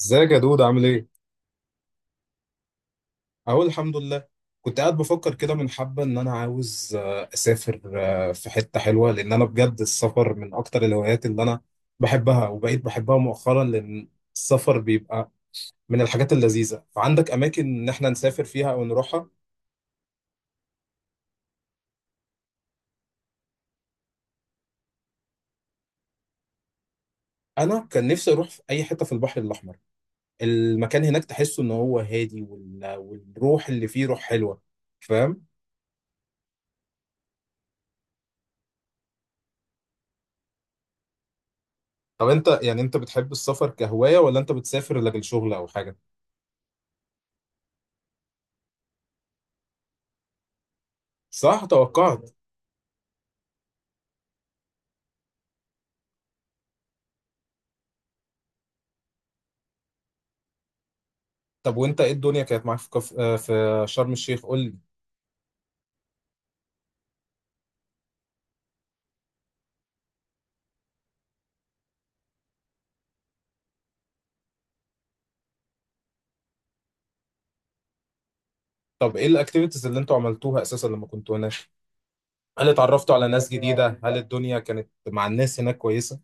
ازيك يا دود، عامل ايه؟ اقول الحمد لله. كنت قاعد بفكر كده من حبة ان انا عاوز اسافر في حتة حلوة، لان انا بجد السفر من اكتر الهوايات اللي انا بحبها، وبقيت بحبها مؤخرا لان السفر بيبقى من الحاجات اللذيذة. فعندك اماكن ان احنا نسافر فيها او نروحها؟ انا كان نفسي اروح في اي حتة في البحر الاحمر. المكان هناك تحسه ان هو هادي، والروح اللي فيه روح حلوة. فاهم؟ طب انت يعني انت بتحب السفر كهواية ولا انت بتسافر لاجل شغل او حاجة؟ صح، توقعت. طب وانت ايه الدنيا كانت معاك في كف... آه، في شرم الشيخ؟ قول لي. طب ايه الاكتيفيتيز اللي انتوا عملتوها اساسا لما كنتوا هناك؟ هل اتعرفتوا على ناس جديدة؟ هل الدنيا كانت مع الناس هناك كويسة؟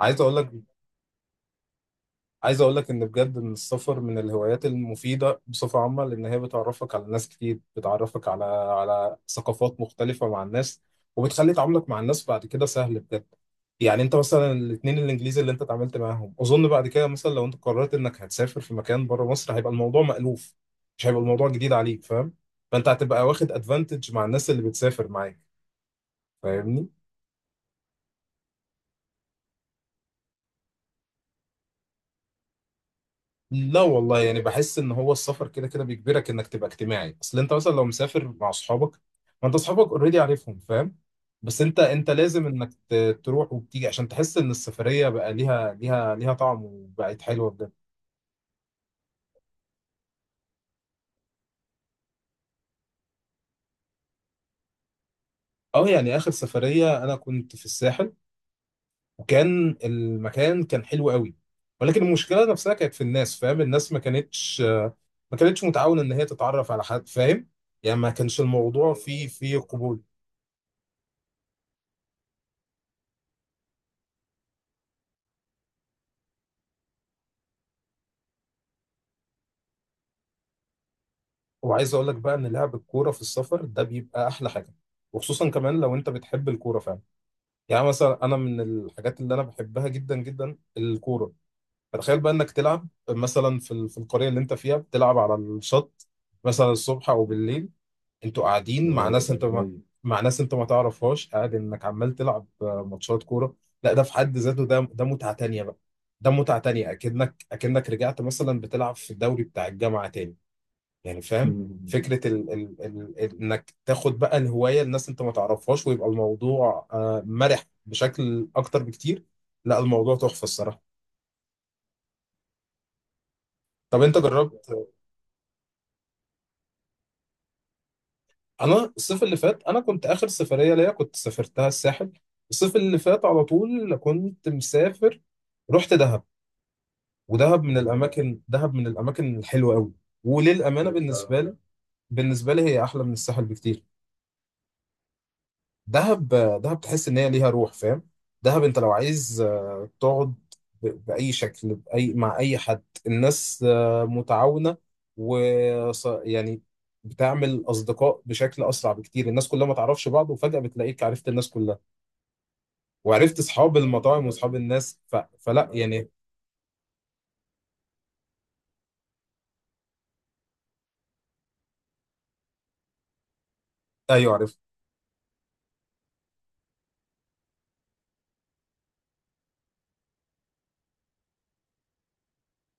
عايز اقول لك عايز اقول لك ان بجد ان السفر من الهوايات المفيده بصفه عامه، لان هي بتعرفك على ناس كتير، بتعرفك على ثقافات مختلفه مع الناس، وبتخلي تعاملك مع الناس بعد كده سهل بجد. يعني انت مثلا الاثنين الانجليزي اللي انت اتعاملت معاهم، اظن بعد كده مثلا لو انت قررت انك هتسافر في مكان بره مصر، هيبقى الموضوع مألوف. مش هيبقى الموضوع جديد عليك، فاهم؟ فانت هتبقى واخد ادفانتج مع الناس اللي بتسافر معاك. فاهمني؟ لا والله، يعني بحس ان هو السفر كده كده بيجبرك انك تبقى اجتماعي. اصل انت مثلا لو مسافر مع اصحابك، ما انت اصحابك اوريدي عارفهم، فاهم؟ بس انت لازم انك تروح وبتيجي عشان تحس ان السفريه بقى ليها طعم وبقت حلوه بجد. اه، يعني اخر سفريه انا كنت في الساحل، وكان المكان كان حلو قوي، ولكن المشكله نفسها كانت في الناس. فاهم؟ الناس ما كانتش متعاونه ان هي تتعرف على حد، فاهم؟ يعني ما كانش الموضوع فيه قبول. وعايز اقول لك بقى ان لعب الكوره في السفر ده بيبقى احلى حاجه، وخصوصا كمان لو انت بتحب الكوره فعلا. يعني مثلا انا من الحاجات اللي انا بحبها جدا جدا الكوره. فتخيل بقى انك تلعب مثلا في في القريه اللي انت فيها، بتلعب على الشط مثلا الصبح او بالليل. انتوا قاعدين مع ناس انت ما تعرفهاش، قاعد انك عمال تلعب ماتشات كوره. لا، ده في حد ذاته، ده متعه تانيه بقى. ده متعه تانيه، اكنك رجعت مثلا بتلعب في الدوري بتاع الجامعه تاني، يعني فاهم؟ فكرة انك تاخد بقى الهواية، الناس انت ما تعرفهاش، ويبقى الموضوع مرح بشكل اكتر بكتير. لا، الموضوع تحفة الصراحة. طب انت جربت؟ انا الصيف اللي فات انا كنت اخر سفرية ليا كنت سافرتها الساحل. الصيف اللي فات على طول كنت مسافر. رحت دهب. ودهب من الاماكن دهب من الاماكن الحلوة قوي. وللأمانة بالنسبة لي هي احلى من الساحل بكتير. دهب. دهب تحس ان هي ليها روح، فاهم؟ دهب انت لو عايز تقعد باي شكل، باي مع اي حد، الناس متعاونه. و يعني بتعمل اصدقاء بشكل اسرع بكتير. الناس كلها ما تعرفش بعض، وفجاه بتلاقيك عرفت الناس كلها، وعرفت اصحاب المطاعم واصحاب الناس، فلا يعني. ايوه، عرفت.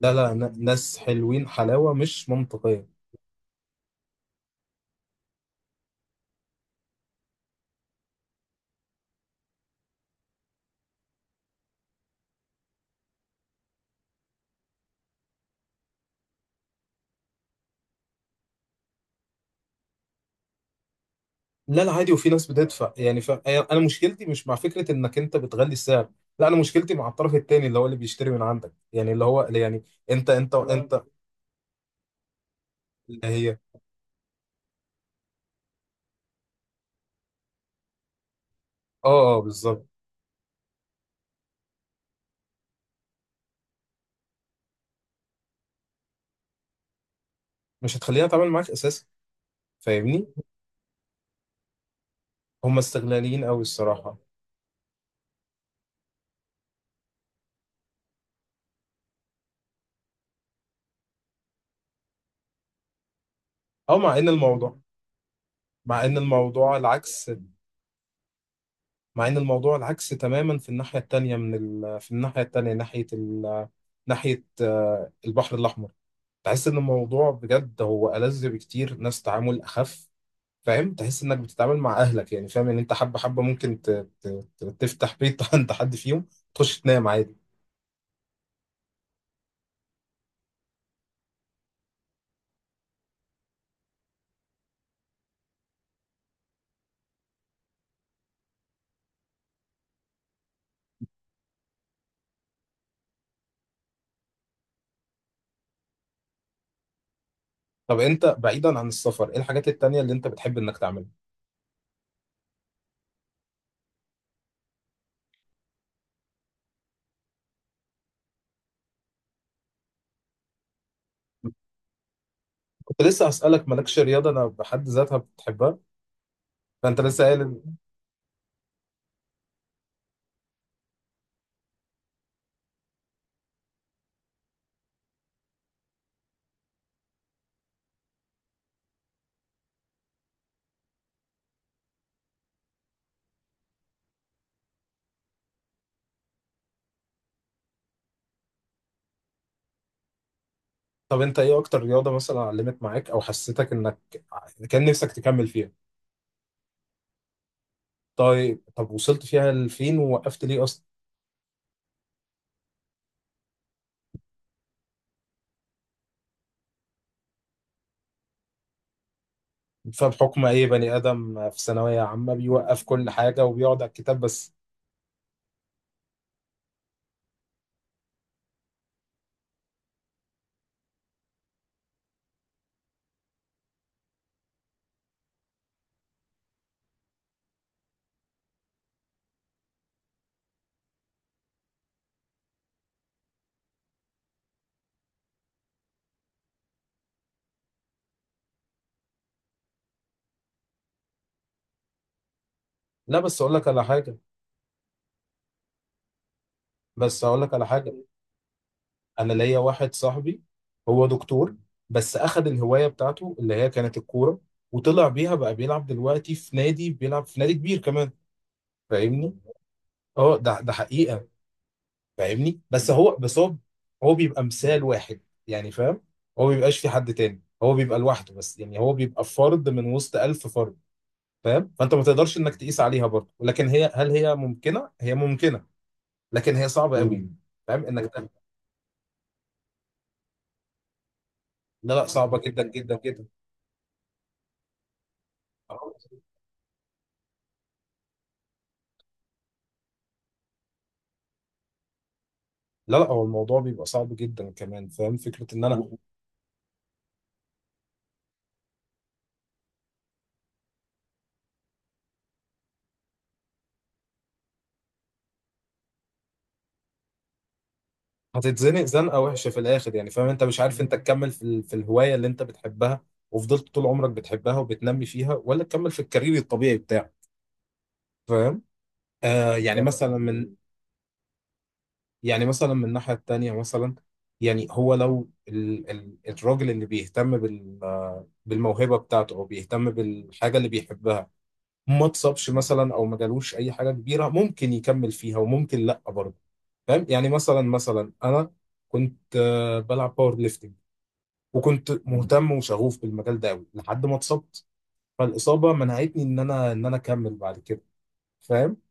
لا لا، ناس حلوين حلاوه مش منطقيه. لا لا عادي، وفي ناس بتدفع يعني. انا مشكلتي مش مع فكره انك انت بتغلي السعر. لا، انا مشكلتي مع الطرف الثاني اللي هو اللي بيشتري من عندك، يعني اللي هو يعني انت اللي هي. اه اه، بالظبط. مش هتخليها تعمل معاك اساسا، فاهمني؟ هم استغلاليين قوي الصراحه. او مع ان الموضوع العكس مع ان الموضوع العكس تماما في الناحيه التانيه من في الناحيه التانيه، ناحيه ال... ناحيه آه، البحر الاحمر. تحس ان الموضوع بجد هو ألذ بكتير، ناس تعامل اخف. فاهم؟ تحس انك بتتعامل مع اهلك، يعني فاهم ان انت حبه حبه ممكن تفتح بيت عند حد فيهم، تخش تنام عادي. طب انت بعيدا عن السفر، ايه الحاجات التانية اللي انت بتحب انك تعملها؟ كنت لسه هسألك، مالكش رياضة انا بحد ذاتها بتحبها؟ فانت لسه قايل. طب انت ايه اكتر رياضة مثلا علمت معاك او حسيتك انك كان نفسك تكمل فيها؟ طيب، طب وصلت فيها لفين ووقفت ليه اصلا؟ فبحكم اي بني ادم في ثانوية عامة بيوقف كل حاجة وبيقعد على الكتاب بس. لا، بس اقول لك على حاجة. انا ليا واحد صاحبي، هو دكتور، بس اخذ الهوايه بتاعته اللي هي كانت الكوره، وطلع بيها بقى بيلعب دلوقتي في نادي، بيلعب في نادي كبير كمان. فاهمني؟ اه، ده حقيقه. فاهمني؟ بس هو هو بيبقى مثال واحد، يعني فاهم؟ هو ما بيبقاش في حد تاني، هو بيبقى لوحده بس. يعني هو بيبقى فرد من وسط ألف فرد، فاهم؟ فانت ما تقدرش انك تقيس عليها برضه. لكن هل هي ممكنه. لكن هي صعبه قوي، فاهم انك؟ لا لا، صعبه جدا جدا جدا. لا لا، هو الموضوع بيبقى صعب جدا كمان. فاهم فكرة ان انا هتتزنق زنقة وحشة في الاخر؟ يعني فاهم انت مش عارف انت تكمل في في الهواية اللي انت بتحبها، وفضلت طول عمرك بتحبها وبتنمي فيها، ولا تكمل في الكارير الطبيعي بتاعك. فاهم؟ آه يعني مثلا من يعني مثلا من الناحية التانية مثلا، يعني هو لو ال ال الراجل اللي بيهتم بالموهبة بتاعته، او بيهتم بالحاجة اللي بيحبها، ما اتصابش مثلا او ما جالوش اي حاجة كبيرة، ممكن يكمل فيها وممكن لا برضه. فاهم؟ يعني مثلا انا كنت بلعب باور ليفتنج، وكنت مهتم وشغوف بالمجال ده قوي لحد ما اتصبت. فالاصابه منعتني ان انا اكمل بعد كده. فاهم؟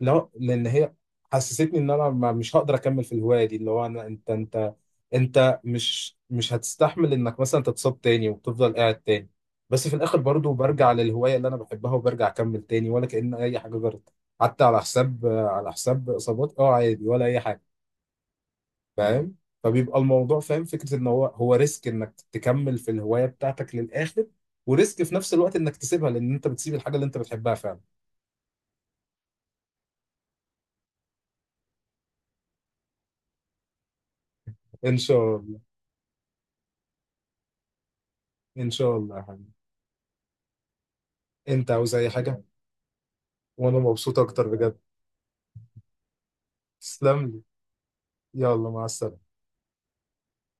لا، لان هي حسستني ان انا مش هقدر اكمل في الهوايه دي. اللي هو انا انت انت مش هتستحمل انك مثلا تتصاب تاني وتفضل قاعد تاني. بس في الاخر برضو برجع للهوايه اللي انا بحبها وبرجع اكمل تاني، ولا كأن اي حاجه جرت. حتى على حساب اصابات، اه عادي، ولا اي حاجه. فاهم؟ فبيبقى الموضوع، فاهم فكره ان هو ريسك انك تكمل في الهوايه بتاعتك للاخر، وريسك في نفس الوقت انك تسيبها لان انت بتسيب الحاجه اللي انت بتحبها فعلا. ان شاء الله. ان شاء الله يا حبيبي. انت عاوز اي حاجه؟ وانا مبسوط اكتر بجد. تسلم لي. يلا مع السلامه.